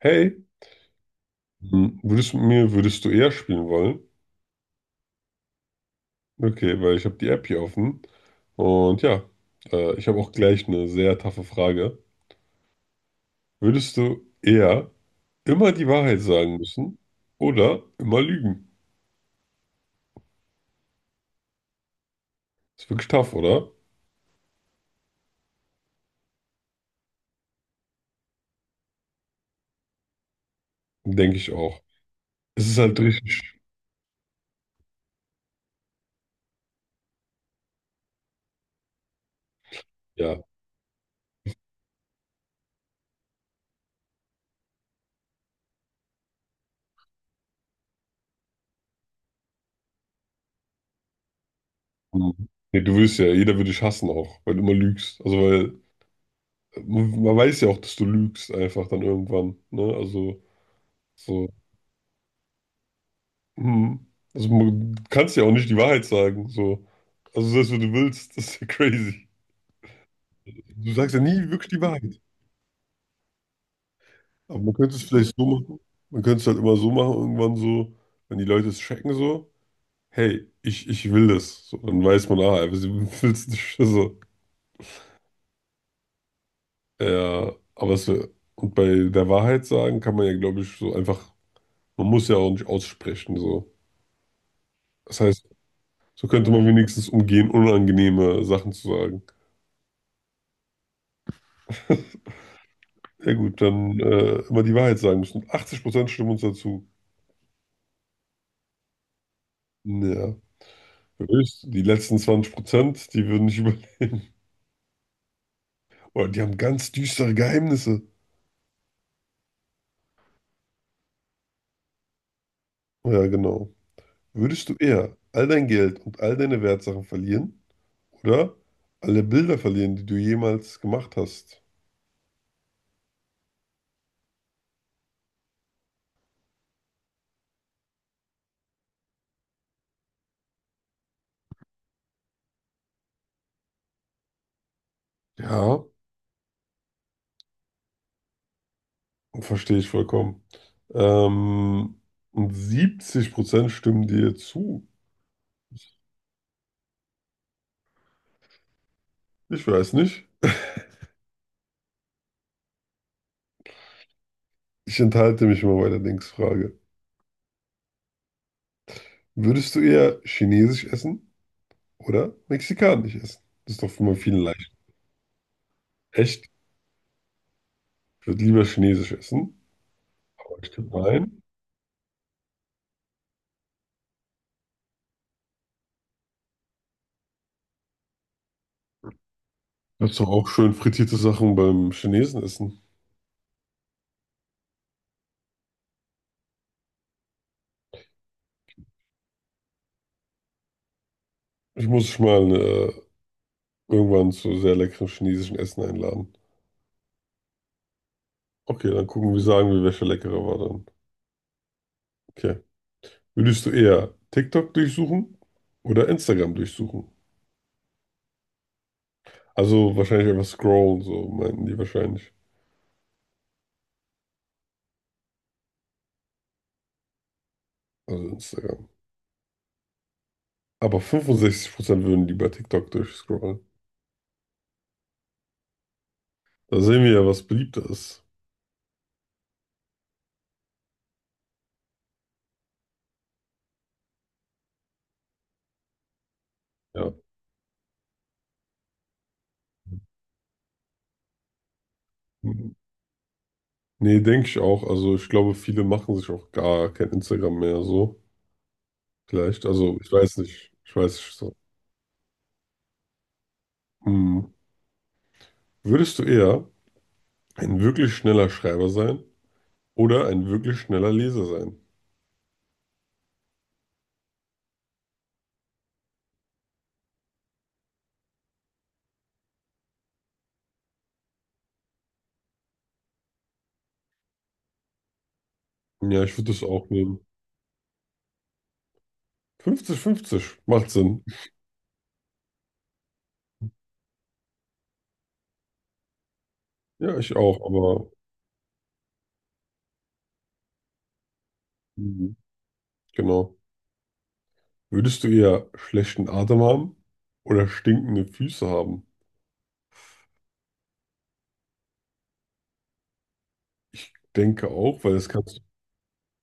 Hey, würdest du eher spielen wollen? Okay, weil ich habe die App hier offen. Und ja, ich habe auch gleich eine sehr taffe Frage. Würdest du eher immer die Wahrheit sagen müssen oder immer lügen? Ist wirklich tough, oder? Denke ich auch. Es ist halt richtig, ja. Hm. Nee, du würdest ja, jeder würde dich hassen auch, weil du immer lügst. Also weil man weiß ja auch, dass du lügst einfach dann irgendwann. Ne? Also so. Hm. Du kannst ja auch nicht die Wahrheit sagen. So. Also selbst wenn du willst, das ist ja crazy. Du sagst ja nie wirklich die Wahrheit. Aber man könnte es vielleicht so machen. Man könnte es halt immer so machen, irgendwann so, wenn die Leute es checken, so, hey, ich will das. So, dann weiß man, ah, er will es nicht. So. Ja, aber es, wär- und bei der Wahrheit sagen kann man ja, glaube ich, so einfach, man muss ja auch nicht aussprechen. So. Das heißt, so könnte man wenigstens umgehen, unangenehme Sachen zu sagen. Ja gut, dann immer die Wahrheit sagen müssen. 80% stimmen uns dazu. Ja, höchst. Die letzten 20%, die würden nicht überleben. Oder die haben ganz düstere Geheimnisse. Oh ja, genau. Würdest du eher all dein Geld und all deine Wertsachen verlieren oder alle Bilder verlieren, die du jemals gemacht hast? Ja, verstehe ich vollkommen. Ähm, und 70% stimmen dir zu. Ich weiß nicht. Ich enthalte mich immer bei der Linksfrage. Würdest du eher Chinesisch essen? Oder mexikanisch essen. Das ist doch immer viel leicht. Echt? Ich würde lieber chinesisch essen. Aber ich tippe mal ein. Das doch auch schön frittierte Sachen beim Chinesen essen. Ich muss dich mal irgendwann zu sehr leckerem chinesischen Essen einladen. Okay, dann gucken wir, sagen wir, welcher leckerer war dann. Okay. Würdest du eher TikTok durchsuchen oder Instagram durchsuchen? Also wahrscheinlich einfach scrollen, so meinten die wahrscheinlich. Also Instagram. Aber 65% würden lieber TikTok durchscrollen. Da sehen wir ja, was beliebter ist. Ja. Nee, denke ich auch. Also ich glaube, viele machen sich auch gar kein Instagram mehr so. Vielleicht. Also ich weiß nicht. Ich weiß nicht so. Hm. Würdest du eher ein wirklich schneller Schreiber sein oder ein wirklich schneller Leser sein? Ja, ich würde das auch nehmen. 50:50 macht Sinn. Ja, ich auch, aber mhm. Genau. Würdest du eher schlechten Atem haben oder stinkende Füße haben? Ich denke auch, weil das kannst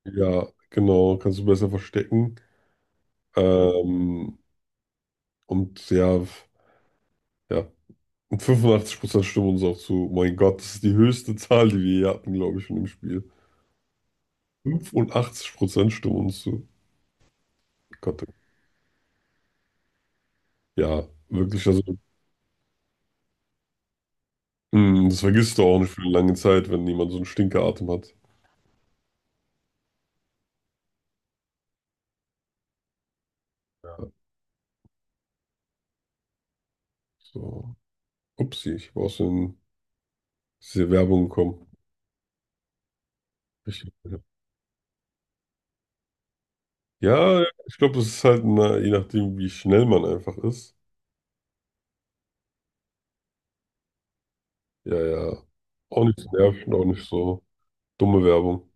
du, ja, genau, kannst du besser verstecken. Ähm, Und ja, ja. Und 85% stimmen uns auch zu. Mein Gott, das ist die höchste Zahl, die wir hier hatten, glaube ich, von dem Spiel. 85% stimmen uns zu. Gott, ja, wirklich, also, das vergisst du auch nicht für eine lange Zeit, wenn jemand so einen Stinkeratem hat. Ja, so. Upsi, ich war aus den- Diese Werbung gekommen. Ich, ja, ich glaube, das ist halt, na, je nachdem, wie schnell man einfach ist. Ja, ja. Auch nicht nerven, auch nicht so dumme Werbung.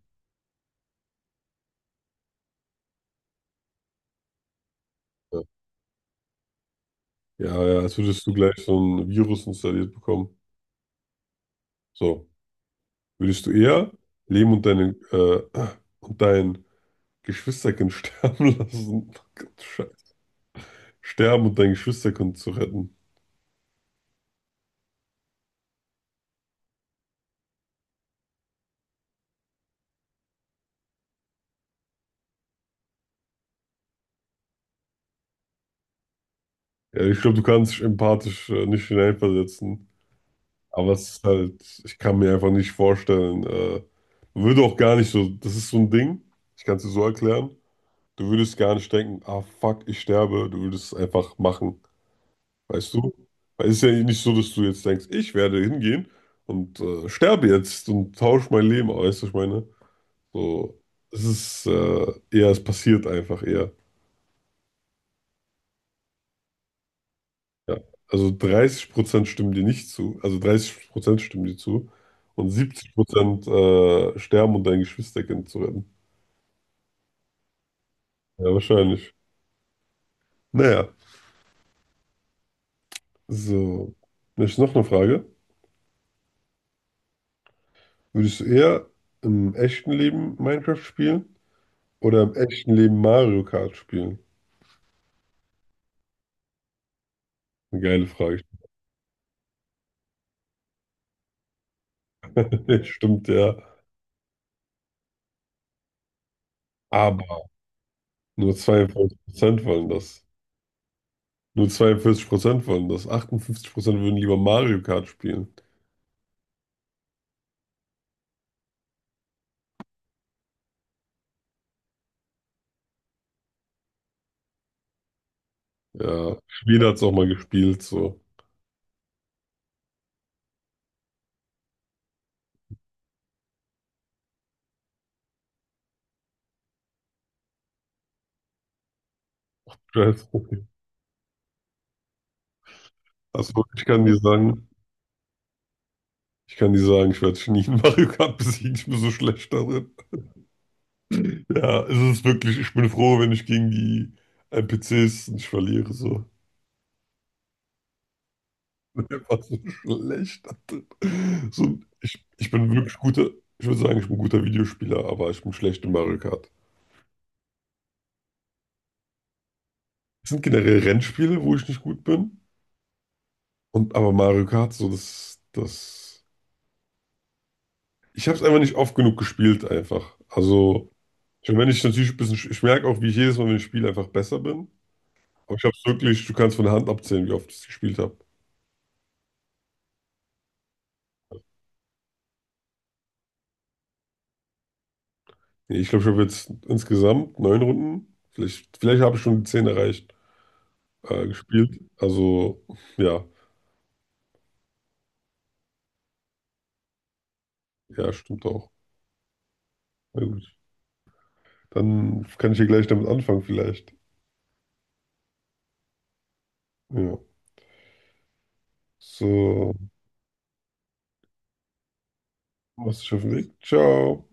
Ja. Ja, ja, als würdest du gleich so ein Virus installiert bekommen. So, würdest du eher Leben und dein Geschwisterkind sterben lassen, Sche- sterben und dein Geschwisterkind zu retten? Ja, ich glaube, du kannst dich empathisch nicht hineinversetzen, aber es ist halt, ich kann mir einfach nicht vorstellen, man würde auch gar nicht so, das ist so ein Ding, ich kann es dir so erklären, du würdest gar nicht denken, ah fuck, ich sterbe, du würdest es einfach machen. Weißt du? Weil es ist ja nicht so, dass du jetzt denkst, ich werde hingehen und sterbe jetzt und tausche mein Leben aus, weißt du, was ich meine? So, es ist eher, es passiert einfach eher. Ja. Also 30% stimmen dir nicht zu, also 30% stimmen dir zu und 70% sterben, um dein Geschwisterkind zu retten. Ja, wahrscheinlich. Naja, so. Dann ist noch eine Frage. Würdest du eher im echten Leben Minecraft spielen oder im echten Leben Mario Kart spielen? Eine geile Frage. Stimmt ja. Aber nur 42% wollen das. Nur 42% wollen das. 58% würden lieber Mario Kart spielen. Ja, jeder hat es auch mal gespielt, so. Stress. Also ich kann dir sagen, ich kann dir sagen, ich werde dich nie in Mario Kart besiegen, ich bin so schlecht darin. Ja, es ist wirklich, ich bin froh, wenn ich gegen die NPCs nicht verliere, so. Ich bin einfach so schlecht darin. So, ich bin wirklich guter, ich würde sagen, ich bin ein guter Videospieler, aber ich bin schlecht in Mario Kart. Es sind generell Rennspiele, wo ich nicht gut bin. Und aber Mario Kart, so das, das. Ich habe es einfach nicht oft genug gespielt, einfach. Also, schon wenn ich natürlich ein bisschen, ich merke auch, wie ich jedes Mal, wenn ich spiele, einfach besser bin. Aber ich habe es wirklich, du kannst von der Hand abzählen, wie oft ich es gespielt habe. Nee, ich glaube, ich habe jetzt insgesamt neun Runden, vielleicht habe ich schon die 10 erreicht, gespielt. Also, ja, ja, stimmt auch. Na gut. Dann kann ich hier gleich damit anfangen, vielleicht. Ja. So, machst dich auf den Weg. Ciao.